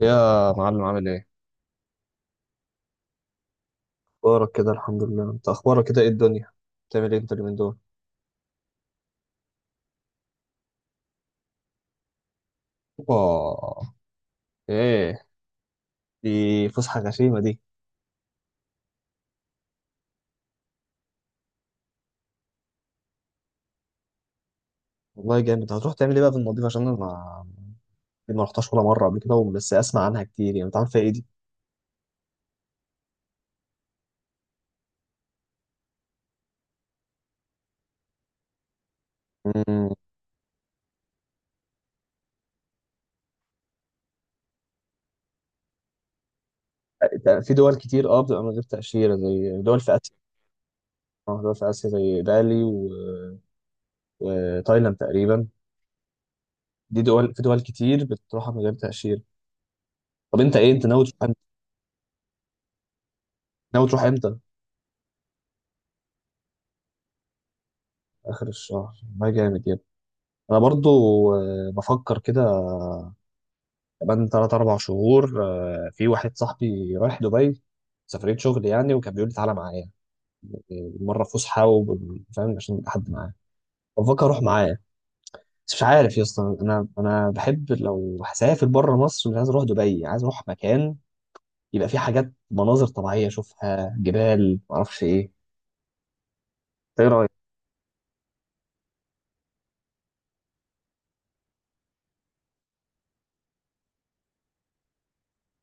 يا معلم عامل ايه؟ اخبارك كده، الحمد لله. انت اخبارك كده، ايه الدنيا بتعمل ايه انت اليومين دول؟ اوبا! ايه دي؟ فسحه غشيمه دي. والله جامد. هتروح تعمل ايه بقى في المالديف؟ عشان انا ما دي ما رحتهاش ولا مره قبل كده، بس اسمع عنها كتير يعني. انت عارف فيها ايه دي؟ مم. في دول كتير، اه، بتبقى من غير تاشيره زي دول في اسيا. اه، دول في اسيا زي بالي وتايلاند تقريبا. دي دول، في دول كتير بتروحها من غير تاشيره. طب انت ايه، انت ناوي تروح امتى؟ اخر الشهر، ما جامد يعني. انا برضو، بفكر كده. كمان 3 4 شهور. في واحد صاحبي رايح دبي، سفرية شغل يعني، وكان بيقول لي تعالى معايا. إيه، مرة فسحة فاهم، عشان يبقى حد معايا. بفكر اروح معايا. بس مش عارف يا اسطى، انا بحب لو هسافر بره مصر، مش عايز اروح دبي، عايز اروح مكان يبقى فيه حاجات، مناظر طبيعية اشوفها، جبال معرفش ايه. ايه رأيك؟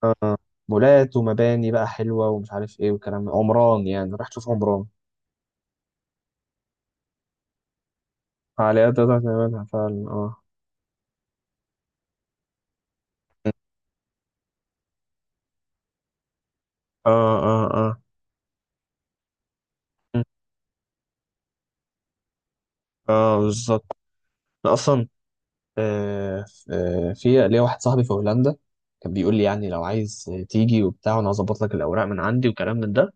آه، مولات ومباني بقى حلوة ومش عارف ايه والكلام ده. عمران يعني، رايح تشوف عمران. فعاليات تقدر تعملها فعلا، اه، اه، اه، اه. مم. اه، بالظبط. انا اصلا، آه في ليا واحد صاحبي في هولندا، كان بيقول لي يعني لو عايز تيجي وبتاع، وانا هظبط لك الاوراق من عندي وكلام من ده.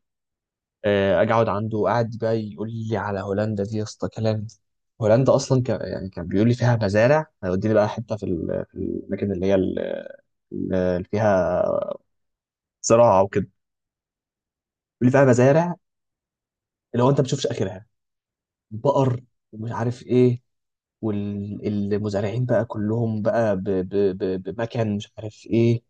اجي اقعد عنده، قاعد بقى يقول لي على هولندا دي يا اسطى كلام. هولندا اصلا كان يعني، كان بيقول لي فيها مزارع هيوديني بقى، حته في الاماكن اللي هي اللي فيها زراعه وكده. بيقول لي فيها مزارع، اللي هو انت ما بتشوفش اخرها، بقر ومش عارف ايه. والمزارعين بقى كلهم بقى بمكان مش عارف ايه.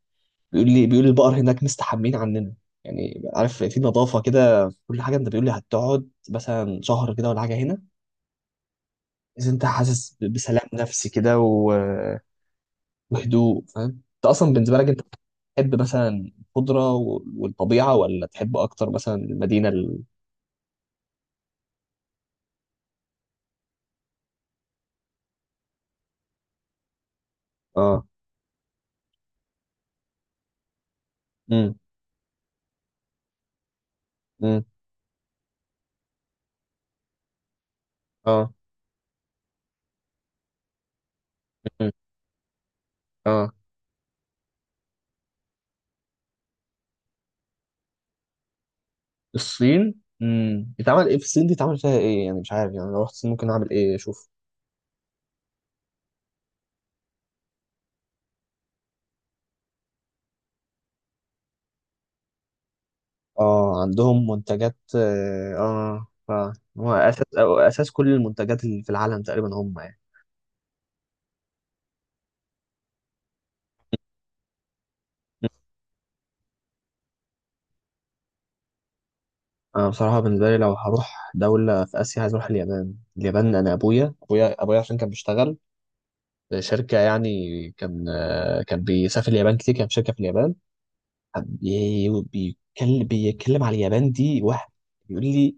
بيقول لي البقر هناك مستحمين عننا، يعني عارف، في نظافة كده، في كل حاجة. انت بيقول لي هتقعد مثلا شهر كده ولا حاجة هنا، إذا انت حاسس بسلام نفسي كده وهدوء، فاهم. انت اصلا بالنسبة لك، انت تحب مثلا الخضرة والطبيعة، ولا تحب اكتر مثلا المدينة اه، امم، امم، اه. مم. اه، الصين. اتعمل ايه في الصين دي؟ اتعمل فيها ايه يعني؟ مش عارف يعني، لو رحت الصين ممكن اعمل ايه، اشوف؟ اه، عندهم منتجات، اه، هو اساس، أو اساس كل المنتجات اللي في العالم تقريبا هم يعني. مم. انا بصراحه بالنسبه لي لو هروح دوله في اسيا عايز اروح اليابان. اليابان، انا ابويا، ابويا عشان كان بيشتغل في شركه يعني. كان، كان بيسافر اليابان كتير، كان في شركه في اليابان. كان بيتكلم على اليابان. دي واحد يقول لي،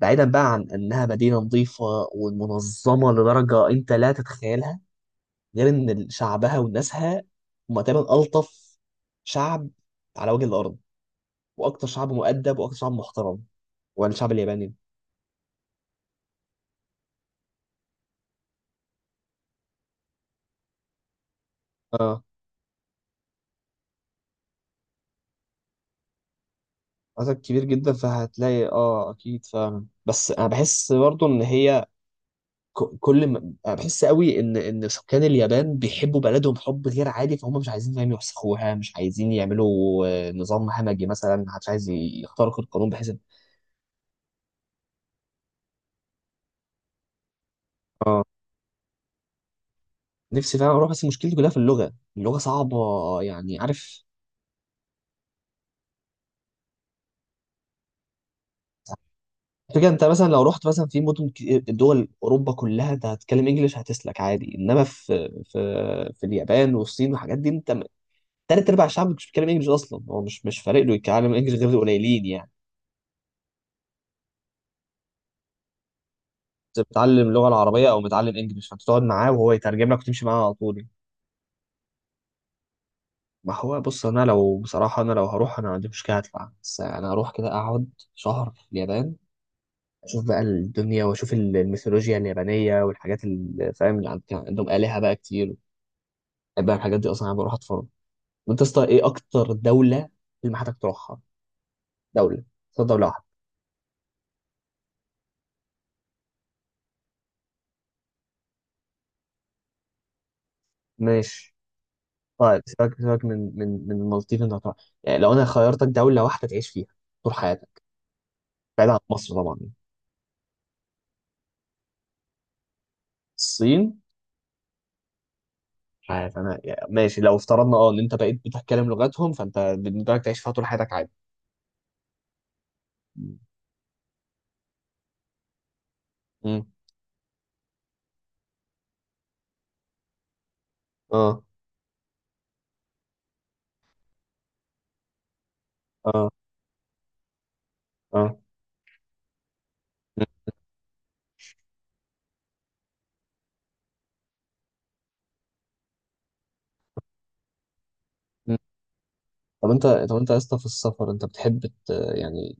بعيدا بقى عن انها مدينه نظيفه ومنظمه لدرجه انت لا تتخيلها، غير ان شعبها وناسها هم تقريبا الطف شعب على وجه الارض، واكتر شعب مؤدب واكتر شعب محترم. والشعب الياباني، اه، عدد كبير جدا فهتلاقي، اه، اكيد فعلا، بس انا بحس برضو ان هي، كل ما أنا بحس قوي ان سكان اليابان بيحبوا بلدهم حب غير عادي، فهم مش عايزين فاهم يوسخوها، مش عايزين يعملوا نظام همجي مثلا، محدش عايز يخترق القانون بحيث. اه، نفسي فعلا اروح، بس مشكلتي كلها في اللغه. اللغه صعبه، يعني عارف. فكرة، انت مثلا لو رحت مثلا في مدن دول اوروبا كلها انت هتتكلم انجليش هتسلك عادي، انما في، في اليابان والصين والحاجات دي انت تلات ارباع الشعب مش بيتكلم انجليش اصلا، هو مش فارق له يتكلم انجليش غير القليلين يعني. بس بتتعلم اللغه العربيه او متعلم انجليش، فانت تقعد معاه وهو يترجم لك وتمشي معاه على طول. ما هو بص، انا لو بصراحه، انا لو هروح انا ما عنديش مشكله، هدفع، بس انا هروح كده اقعد شهر في اليابان، اشوف بقى الدنيا، واشوف الميثولوجيا اليابانيه والحاجات اللي فاهم، اللي كان عندهم الهه بقى كتير. بحب بقى الحاجات دي، اصلا انا بروح اتفرج. وانت يا اسطى، ايه اكتر دوله اللي حضرتك تروحها؟ دوله، اختار دوله واحده. ماشي. طيب سيبك، من المالديف. انت هتروح يعني لو انا خيرتك دوله واحده تعيش فيها طول حياتك، بعيد عن مصر طبعا. الصين. مش عارف انا يعني، ماشي، لو افترضنا اه ان انت بقيت بتتكلم لغتهم، فانت بالنسبه لك تعيش فيها طول حياتك عادي. مم. اه، اه، اه. مم. طب انت يا اسطى، في السفر انت بتحب يعني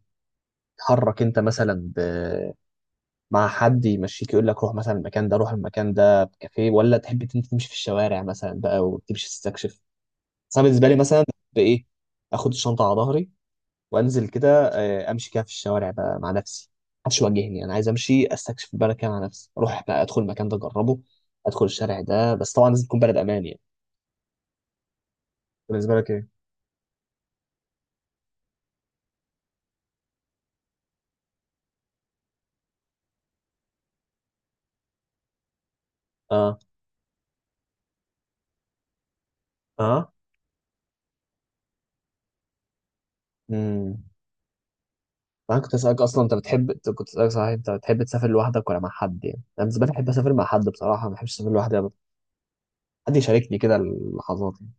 تحرك، انت مثلا مع حد يمشيك يقول لك روح مثلا المكان ده، روح المكان ده بكافيه، ولا تحب انت تمشي في الشوارع مثلا بقى وتمشي تستكشف؟ بس انا بالنسبه لي مثلا، بايه، اخد الشنطه على ظهري وانزل كده، اه، امشي كده في الشوارع بقى مع نفسي، محدش يواجهني. انا عايز امشي استكشف البلد كده مع نفسي، اروح بقى ادخل المكان ده اجربه، ادخل الشارع ده. بس طبعا لازم تكون بلد امان يعني. بالنسبه لك ايه؟ اه، اه، امم. انا كنت اسالك اصلا انت بتحب، أنت كنت اسالك صحيح، انت بتحب تسافر لوحدك ولا مع حد؟ يعني انا بالنسبه لي بحب اسافر مع حد بصراحه، ما بحبش اسافر لوحدي ابدا، حد يشاركني كده اللحظات يعني.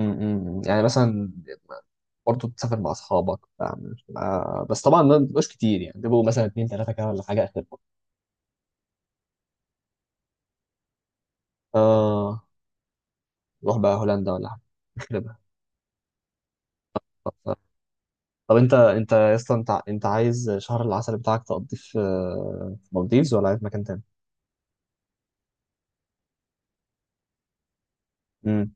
يعني مثلا، برضه بتسافر مع اصحابك، فاهم؟ بس طبعا ما بيبقوش كتير يعني، بيبقوا مثلا اتنين تلاته كده ولا حاجه اخركم. اه، نروح بقى هولندا ولا حاجه، نخربها. طب، طب انت يا اسطى، انت عايز شهر العسل بتاعك تقضيه في، في مالديفز، ولا عايز مكان تاني؟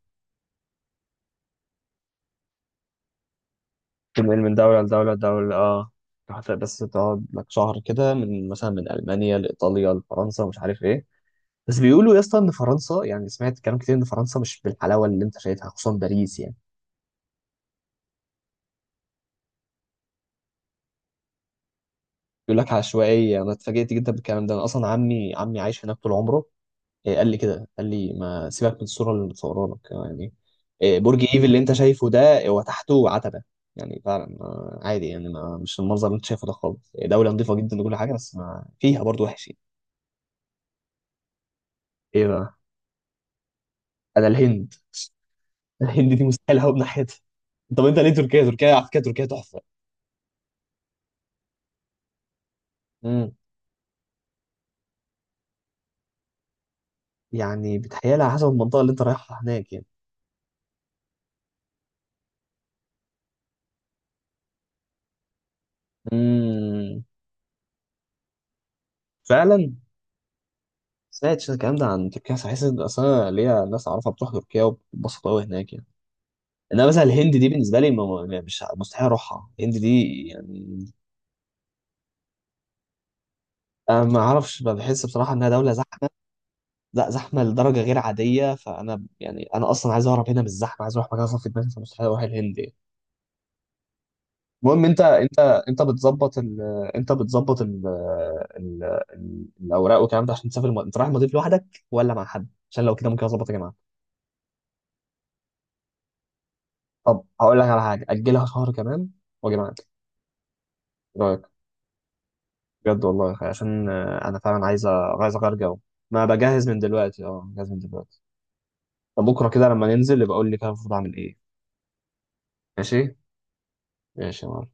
تنقل من دولة لدولة لدولة، اه. هتبقى بس تقعد لك شهر كده، من مثلا من ألمانيا لإيطاليا لفرنسا ومش عارف إيه. بس بيقولوا يا اسطى إن فرنسا يعني، سمعت كلام كتير إن فرنسا مش بالحلاوة اللي أنت شايفها، خصوصا باريس يعني. بيقول لك عشوائية. أنا اتفاجئت جدا بالكلام ده، أنا أصلا عمي عايش هناك طول عمره. إيه، قال لي ما سيبك من الصورة اللي متصورة لك يعني. إيه، برج إيفل اللي أنت شايفه ده، هو تحته عتبة يعني، فعلا عادي يعني، ما مش المنظر اللي أنت شايفه ده خالص. إيه، دولة نظيفة جدا وكل حاجة، بس ما فيها برضه وحش يعني. ايه بقى؟ انا الهند، الهند دي مستحيل اهوب ناحيتها. طب انت ليه تركيا؟ تركيا على فكره تركيا تحفه. امم. يعني بتهيالي على حسب المنطقه اللي انت رايحها هناك يعني. امم، فعلا. سمعت شوية الكلام ده عن تركيا، بس حاسس ان اصلا ليا ناس اعرفها بتروح تركيا وبتبسط قوي هناك يعني. انما مثلا الهند دي بالنسبه لي يعني مش مستحيل اروحها، الهند دي يعني. انا ما اعرفش، بحس بصراحه انها دوله زحمه. لا، زحمه لدرجه غير عاديه، فانا يعني انا اصلا عايز اهرب هنا من الزحمه، عايز اروح مكان صافي دماغي، فمستحيل اروح الهند يعني. المهم، انت بتظبط انت بتظبط ال... الاوراق والكلام ده عشان تسافر انت رايح المضيف لوحدك ولا مع حد؟ عشان لو كده ممكن اظبط يا جماعه. طب هقول لك على حاجه، اجلها شهر كمان واجي معاك، ايه رايك؟ بجد والله يا أخي، عشان انا فعلا عايز عايز اغير جو. ما بجهز من دلوقتي، اه بجهز من دلوقتي. طب بكره كده لما ننزل يبقى قول لي كده المفروض اعمل ايه. ماشي. ماشي يا معلم.